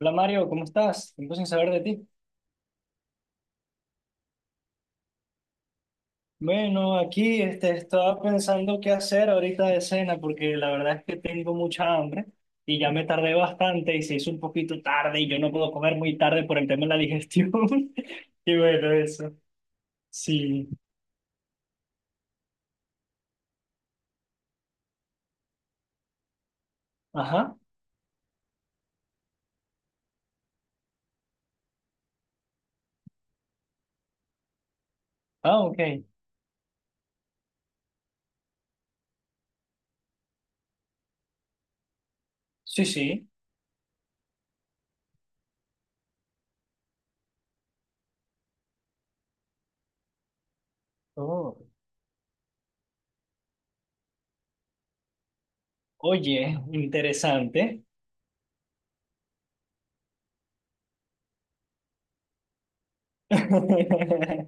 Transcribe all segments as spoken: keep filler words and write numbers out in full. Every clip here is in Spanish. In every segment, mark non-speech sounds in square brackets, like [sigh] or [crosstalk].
Hola Mario, ¿cómo estás? Tiempo sin saber de ti. Bueno, aquí este, estaba pensando qué hacer ahorita de cena porque la verdad es que tengo mucha hambre y ya me tardé bastante y se hizo un poquito tarde y yo no puedo comer muy tarde por el tema de la digestión. [laughs] Y bueno, eso. Sí. Ajá. Ah, ok. Sí, sí. Oh. Oye, interesante. [laughs]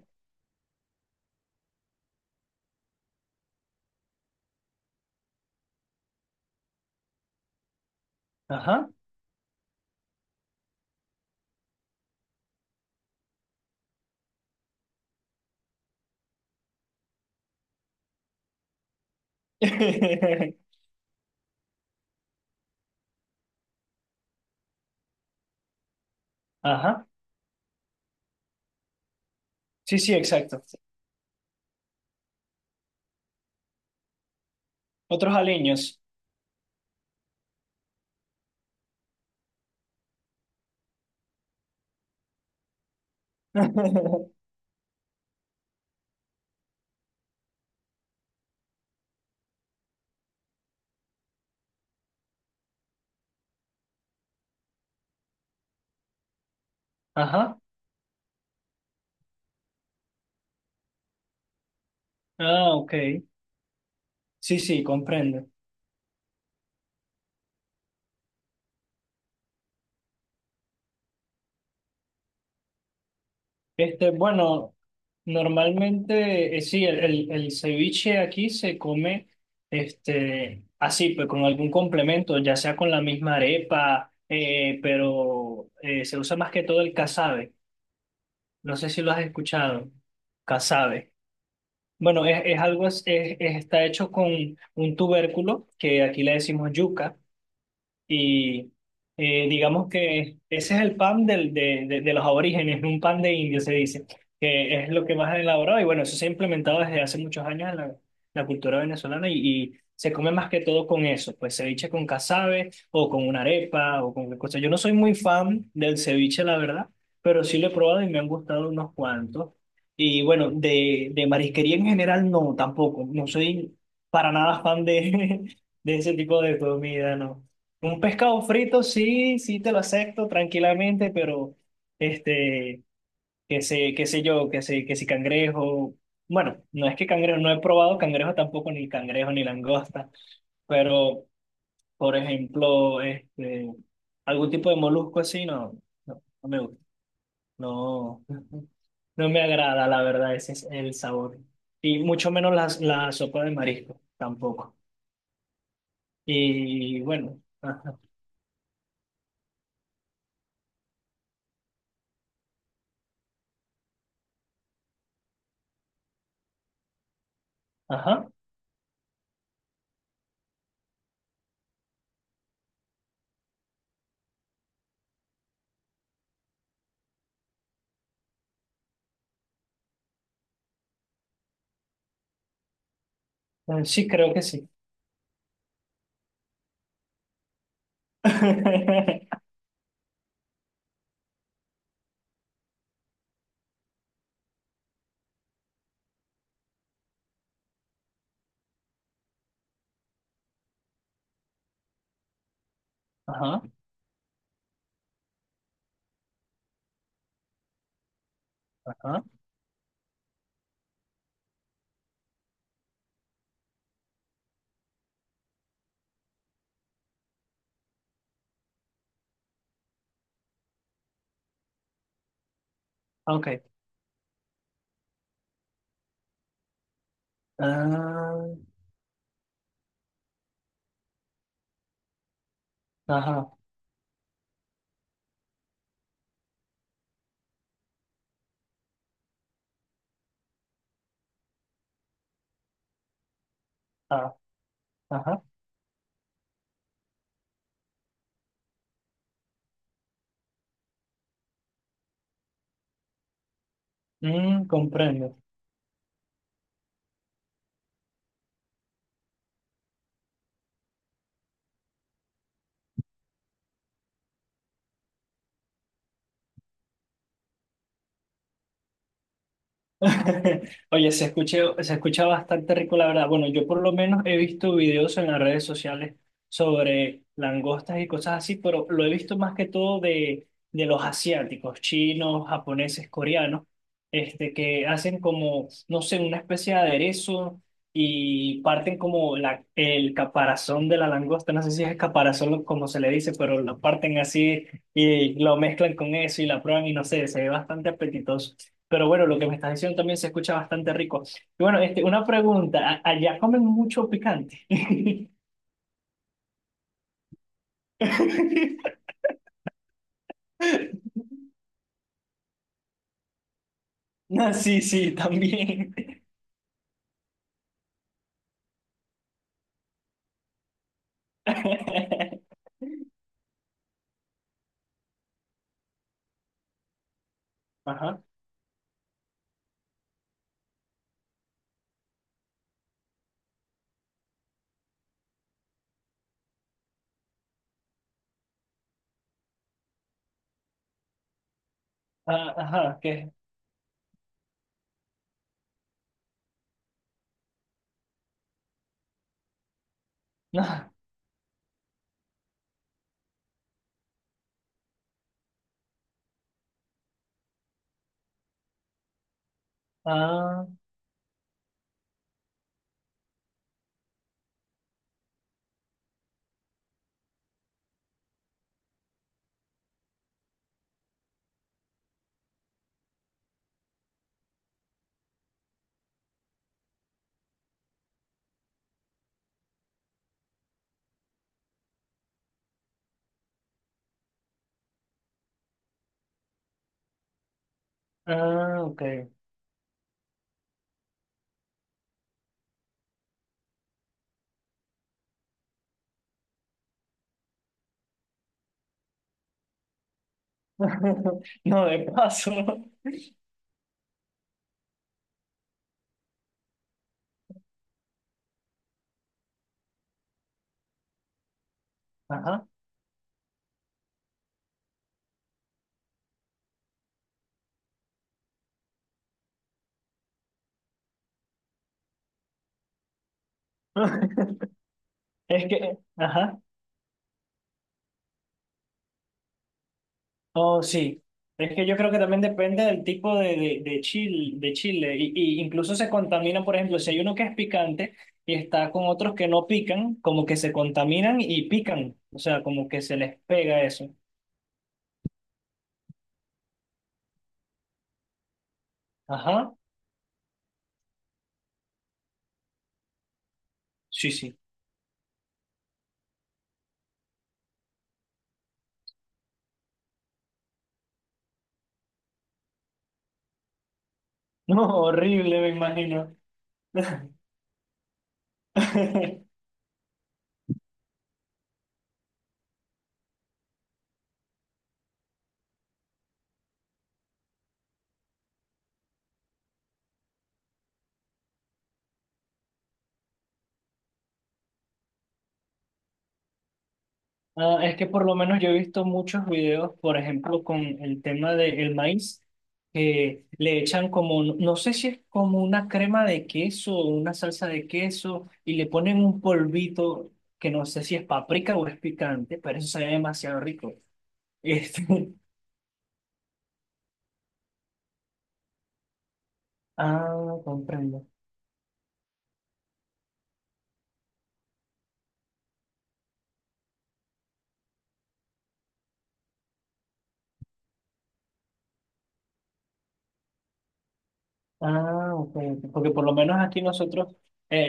Ajá. [laughs] Ajá. Sí, sí, exacto. Otros aliños. [laughs] Ajá. Ah, ok. Sí, sí, comprendo. Este, bueno, normalmente, eh, sí, el, el, el ceviche aquí se come este, así, pues con algún complemento, ya sea con la misma arepa, eh, pero eh, se usa más que todo el casabe. No sé si lo has escuchado. Casabe. Bueno, es, es algo, es, es- está hecho con un tubérculo, que aquí le decimos yuca. Y eh, digamos que ese es el pan del, de, de, de los aborígenes, un pan de indio se dice, que es lo que más han elaborado. Y bueno, eso se ha implementado desde hace muchos años en la, la cultura venezolana y, y se come más que todo con eso, pues ceviche con casabe o con una arepa o con cualquier cosa. Yo no soy muy fan del ceviche, la verdad, pero sí lo he probado y me han gustado unos cuantos. Y bueno, de, de marisquería en general no, tampoco. No soy para nada fan de, [laughs] de ese tipo de comida, no. Un pescado frito, sí, sí te lo acepto tranquilamente, pero este, qué sé, qué sé yo, qué sé, que si cangrejo, bueno, no es que cangrejo, no he probado cangrejo tampoco, ni cangrejo ni langosta, pero por ejemplo, este, algún tipo de molusco así, no, no, no me gusta, no, [laughs] no me agrada, la verdad, ese es el sabor. Y mucho menos las la sopa de marisco, tampoco. Y bueno, ajá, ajá, eh, sí creo que sí. [laughs] Ajá, ajá, ok. Ah, ajá, ah, ajá. Mm, comprendo. [laughs] Oye, se escucha, se escucha bastante rico, la verdad. Bueno, yo por lo menos he visto videos en las redes sociales sobre langostas y cosas así, pero lo he visto más que todo de, de los asiáticos, chinos, japoneses, coreanos, este, que hacen como, no sé, una especie de aderezo y parten como la, el caparazón de la langosta, no sé si es caparazón lo- como se le dice, pero lo parten así y lo mezclan con eso y la prueban y no sé, se ve bastante apetitoso. Pero bueno, lo que me estás diciendo también se escucha bastante rico. Y bueno, este, una pregunta, ¿a- ¿allá comen mucho picante? [laughs] No, sí, sí, también. [laughs] Ajá, ah, ajá, ¿qué? No, ah, ah, ok. [laughs] No, de paso. Ajá. [laughs] Es que, ajá. Oh, sí. Es que yo creo que también depende del tipo de, de, de chile, de chile. Y, y incluso se contaminan, por ejemplo, si hay uno que es picante y está con otros que no pican, como que se contaminan y pican. O sea, como que se les pega eso. Ajá. Sí, sí. [laughs] No, horrible, me imagino. [laughs] Ah, es que por lo menos yo he visto muchos videos, por ejemplo, con el tema del maíz, que le echan como, no no sé si es como una crema de queso o una salsa de queso, y le ponen un polvito que no sé si es paprika o es picante, pero eso se ve demasiado rico. Este, [laughs] ah, comprendo. Ah, ok, ok. Porque por lo menos aquí nosotros eh,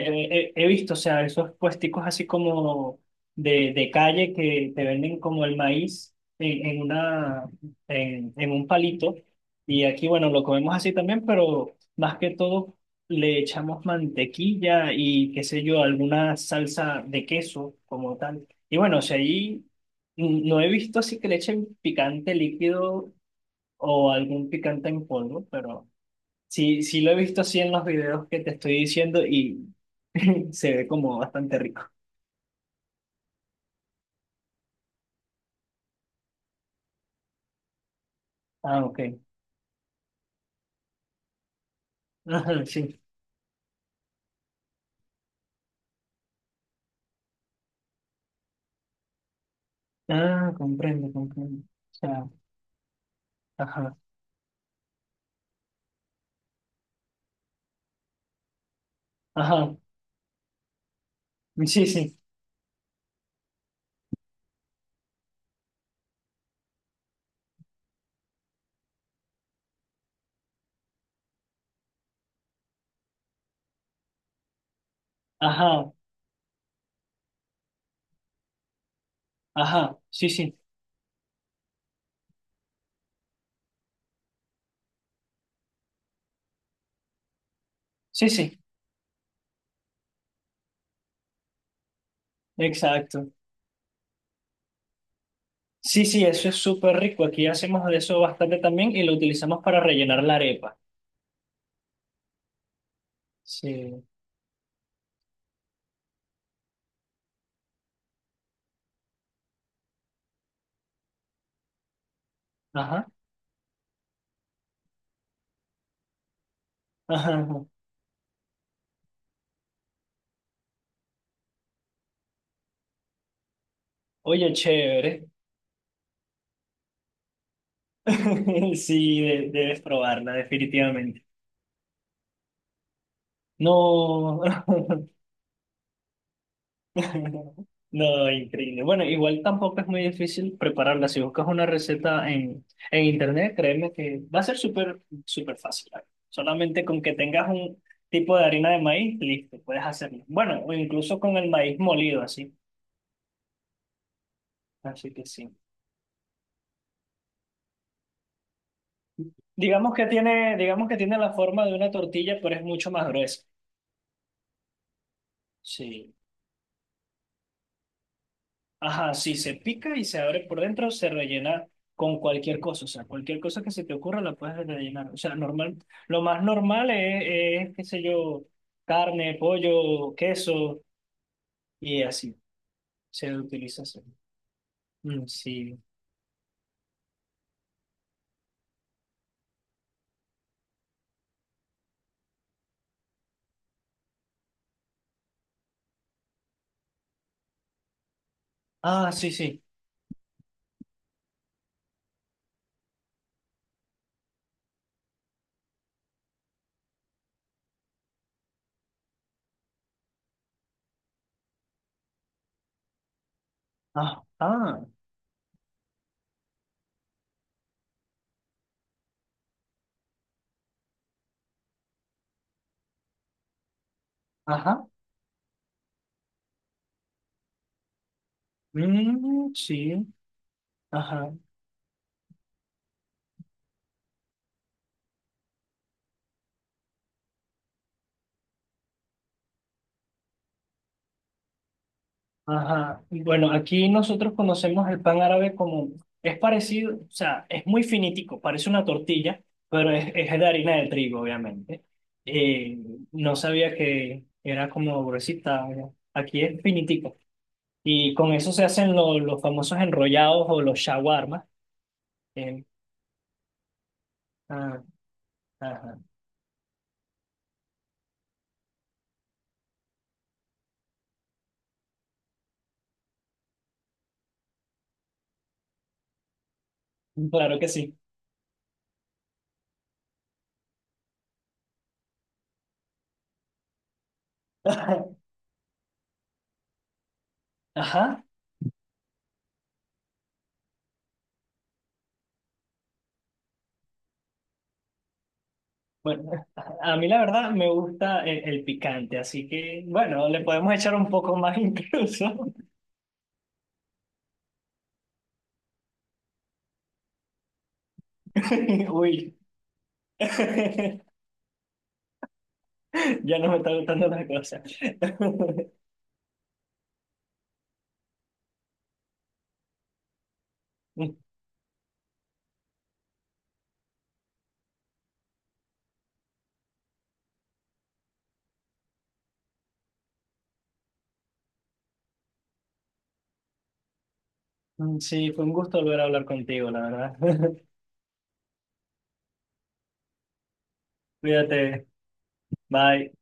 eh, eh, he visto, o sea, esos puesticos así como de, de calle que te venden como el maíz en, en una en, en un palito. Y aquí, bueno, lo comemos así también, pero más que todo le echamos mantequilla y qué sé yo, alguna salsa de queso como tal. Y bueno, o sea, ahí mm, no he visto así que le echen picante líquido o algún picante en polvo, pero. Sí, sí lo he visto así en los videos que te estoy diciendo y [laughs] se ve como bastante rico. Ah, ok. [laughs] Ajá, sí. Ah, comprendo, comprendo. O sea, ajá, ajá. Sí, sí. Ajá, ajá. Sí, sí. Sí, sí. Exacto. Sí, sí, eso es súper rico. Aquí hacemos de eso bastante también y lo utilizamos para rellenar la arepa. Sí. Ajá, ajá. ajá. Oye, chévere. [laughs] Sí, de- debes probarla, definitivamente. No. [laughs] [laughs] No, increíble. Bueno, igual tampoco es muy difícil prepararla. Si buscas una receta en, en internet, créeme que va a ser súper, súper fácil. ¿Vale? Solamente con que tengas un tipo de harina de maíz, listo, puedes hacerlo. Bueno, o incluso con el maíz molido, así. Así que sí. Digamos que tiene, digamos que tiene la forma de una tortilla, pero es mucho más gruesa. Sí. Ajá, sí, se pica y se abre por dentro, se rellena con cualquier cosa, o sea, cualquier cosa que se te ocurra la puedes rellenar. O sea, normal, lo más normal es, es, qué sé yo, carne, pollo, queso y así, se utiliza así. Mm, sí. Ah, sí, sí. Ah, ah, ajá. Mm, sí, ajá. Ajá. Bueno, aquí nosotros conocemos el pan árabe como, es parecido, o sea, es muy finitico, parece una tortilla, pero es, es de harina de trigo, obviamente. Eh, no sabía que era como gruesita, ¿no? Aquí es finitico. Y con eso se hacen lo- los famosos enrollados o los shawarma. Eh, ah, ajá. Claro que sí. [laughs] Ajá. Bueno, a mí la verdad me gusta el, el picante, así que bueno, le podemos echar un poco más [laughs] incluso. [laughs] Uy, [laughs] ya no me está gustando la cosa. [laughs] Sí, fue un gusto volver a hablar contigo, la verdad. [laughs] Cuídate, bye.